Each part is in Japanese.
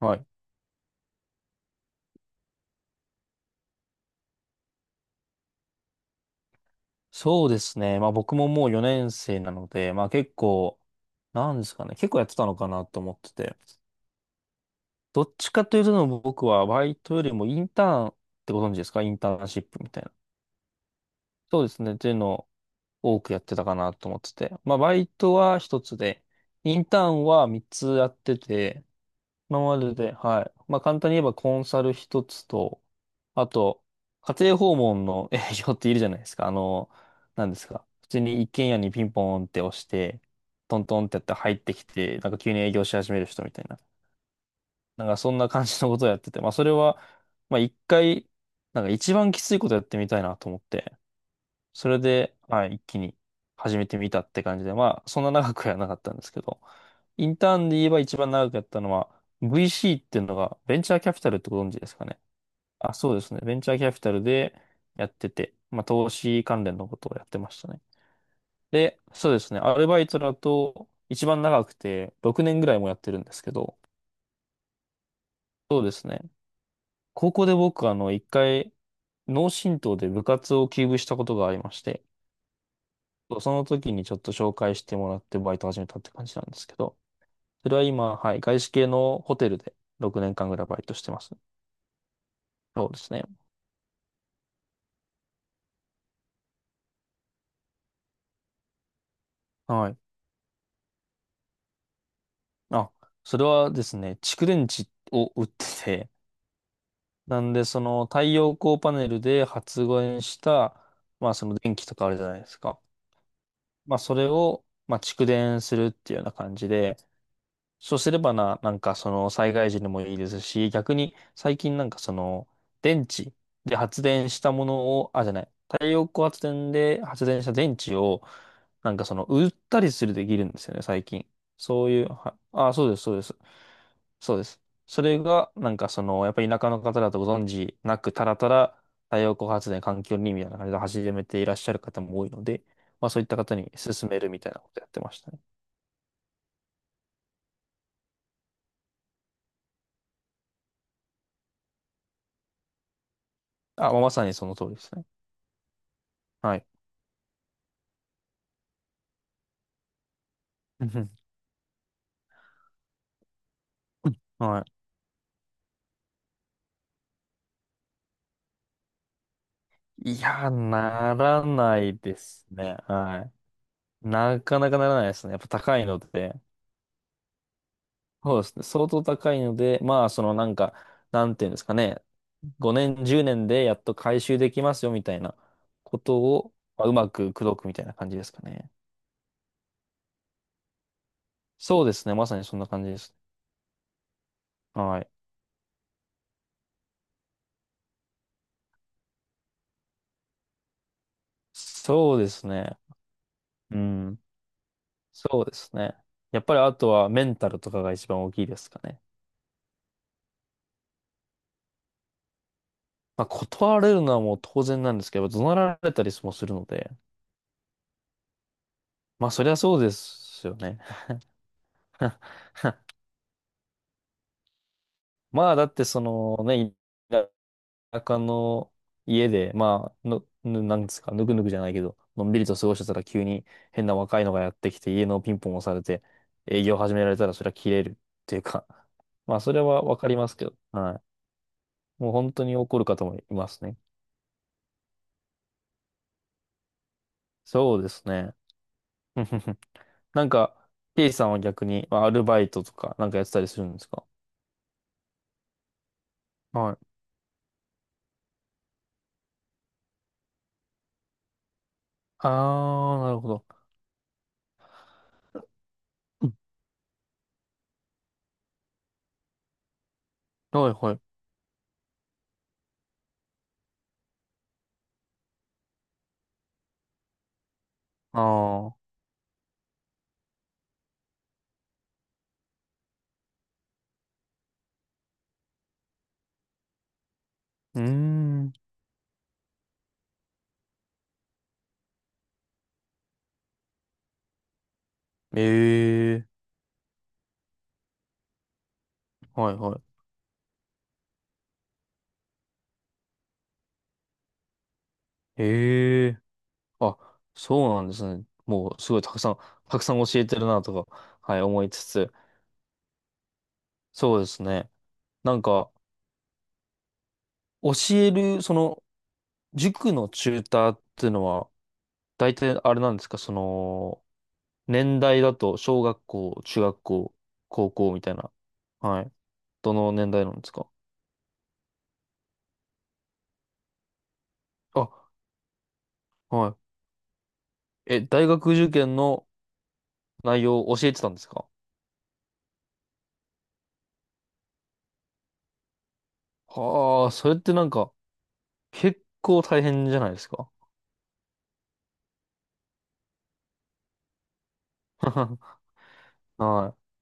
はい。そうですね。まあ僕ももう4年生なので、まあ結構、なんですかね。結構やってたのかなと思ってて。どっちかというと僕はバイトよりもインターンってご存知ですか？インターンシップみたいな。そうですね。っていうのを多くやってたかなと思ってて。まあバイトは一つで、インターンは三つやってて、今までで、はい。まあ、簡単に言えばコンサル一つと、あと、家庭訪問の営業っているじゃないですか。あの、なんですか。普通に一軒家にピンポンって押して、トントンってやって入ってきて、なんか急に営業し始める人みたいな。なんかそんな感じのことをやってて、まあ、それは、まあ、一回、なんか一番きついことやってみたいなと思って。それで、はい、一気に始めてみたって感じで、まあ、そんな長くはなかったんですけど、インターンで言えば一番長くやったのは、VC っていうのが、ベンチャーキャピタルってご存知ですかね？あ、そうですね。ベンチャーキャピタルでやってて、まあ、投資関連のことをやってましたね。で、そうですね。アルバイトだと、一番長くて、6年ぐらいもやってるんですけど、そうですね。高校で僕、あの、一回、脳震盪で部活を休部したことがありまして、そうその時にちょっと紹介してもらってバイト始めたって感じなんですけど、それは今、はい、外資系のホテルで6年間ぐらいバイトしてます。そうですね。はい。あ、それはですね、蓄電池を売ってて、なんでその太陽光パネルで発電した、まあその電気とかあるじゃないですか。まあそれを、まあ蓄電するっていうような感じで、そうすればな、なんかその災害時にもいいですし、逆に最近なんかその電池で発電したものを、あ、じゃない、太陽光発電で発電した電池を、なんかその売ったりするできるんですよね、最近。そういう、あ、そうです、そうです。そうです。それが、なんかその、やっぱり田舎の方だとご存知なく、たらたら太陽光発電環境にみたいな感じで始めていらっしゃる方も多いので、まあそういった方に勧めるみたいなことやってましたね。あ、まあまさにその通りですね。はい。うん、はい。いや、ならないですね。はい。なかなかならないですね。やっぱ高いので。そうですね。相当高いので、まあ、そのなんか、なんていうんですかね。5年、10年でやっと回収できますよみたいなことを、まあ、うまく口説くみたいな感じですかね。そうですね。まさにそんな感じです。はい。そうですね。うん。そうですね。やっぱりあとはメンタルとかが一番大きいですかね。まあ、断られるのはもう当然なんですけど、怒鳴られたりもするので、まあ、そりゃそうですよね。まあ、だって、そのね、田舎の家で、まあ、の、ぬなんですか、ぬくぬくじゃないけど、のんびりと過ごしてたら急に変な若いのがやってきて、家のピンポン押されて、営業始められたら、そりゃ切れるっていうか、まあ、それはわかりますけど、はい。もう本当に怒る方もいますね。そうですね。なんか、K さんは逆に、まあアルバイトとかなんかやってたりするんですか？はい。あー、なるほど。うん、はいはい。あー。うーん。ええー。はいはい。ええー。あ、そうなんですね。もうすごいたくさん、たくさん教えてるなとか、はい、思いつつ。そうですね。なんか、教える、その、塾のチューターっていうのは、大体あれなんですか、その、年代だと、小学校、中学校、高校みたいな。はい。どの年代なんですか？あ、はい。え、大学受験の内容を教えてたんですか？はあ、それってなんか、結構大変じゃないですか？ はい、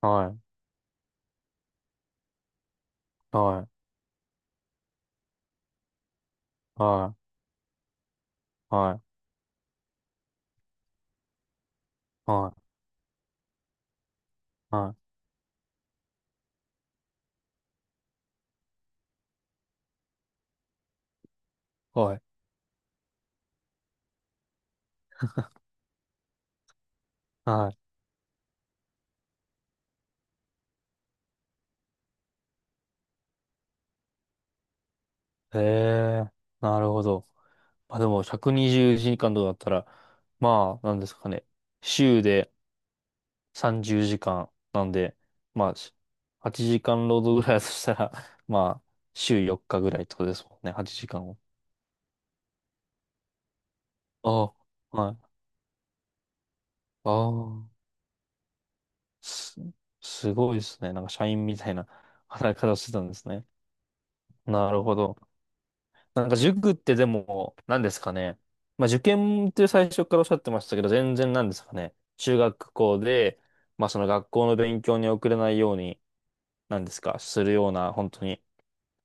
はい、はい、はい、はい、はい、はい、はい。はい、へえ、なるほど。まあでも、120時間とかだったら、まあ、なんですかね。週で、30時間なんで、まあ、8時間労働ぐらいだとしたら、まあ、週4日ぐらいってことですもんね、8時間を。ああ、はい。ああ、す、すごいですね。なんか社員みたいな 働き方をしてたんですね。なるほど。なんか塾ってでも、何ですかね。まあ受験って最初からおっしゃってましたけど、全然なんですかね。中学校で、まあその学校の勉強に遅れないように、何ですか、するような、本当に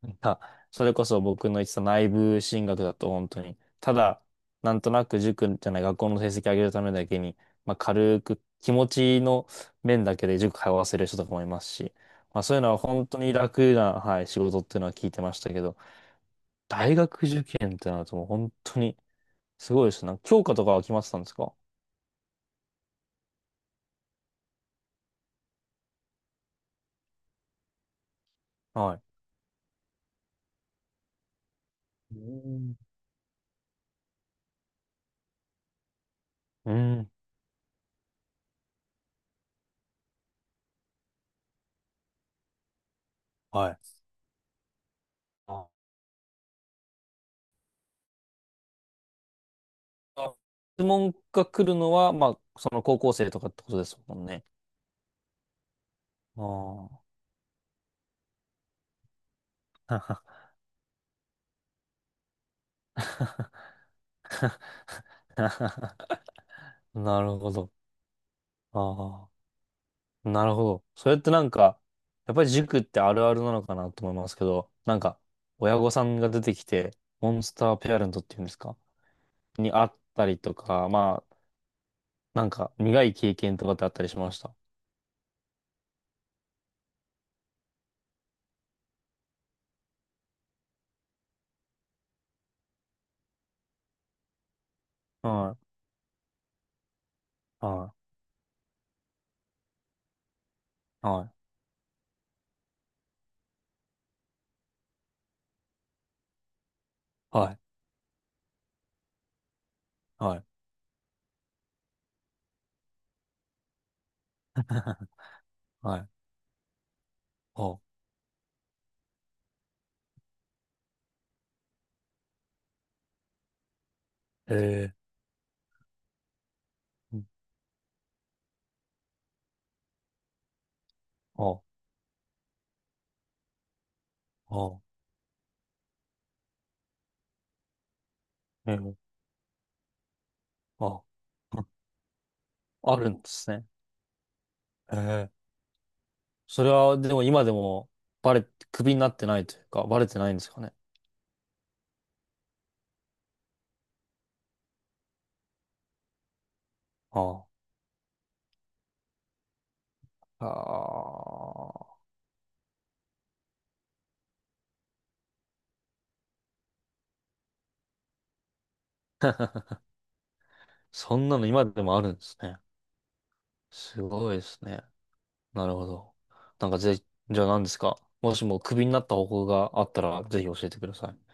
なんか、それこそ僕の言ってた内部進学だと本当に、ただ、なんとなく塾じゃない学校の成績上げるためだけに、まあ軽く気持ちの面だけで塾通わせる人とかもいますし、まあそういうのは本当に楽な、はい、仕事っていうのは聞いてましたけど、大学受験ってなるともう本当にすごいですね。なんか教科とかは決まってたんですか？はい。うん。うん。はい。あ、質問が来るのは、まあ、その高校生とかってことですもんね。ああ。なるほど。ああ、なるほど。それってなんか、やっぱり塾ってあるあるなのかなと思いますけど、なんか、親御さんが出てきて、モンスターペアレントっていうんですか？にあったりとか、まあ、なんか、苦い経験とかってあったりしました。はい、はい、はい、はい、はい、はい、あ、へえ、あ、あ、ええ、あ、あるんですね。ええ、それは、でも今でも、バレ、クビになってないというか、バレてないんですかね。ああ。ああ。そんなの今でもあるんですね。すごいですね。なるほど。なんかぜ、じゃあ何ですか？もしもクビになった方法があったら、ぜひ教えてください。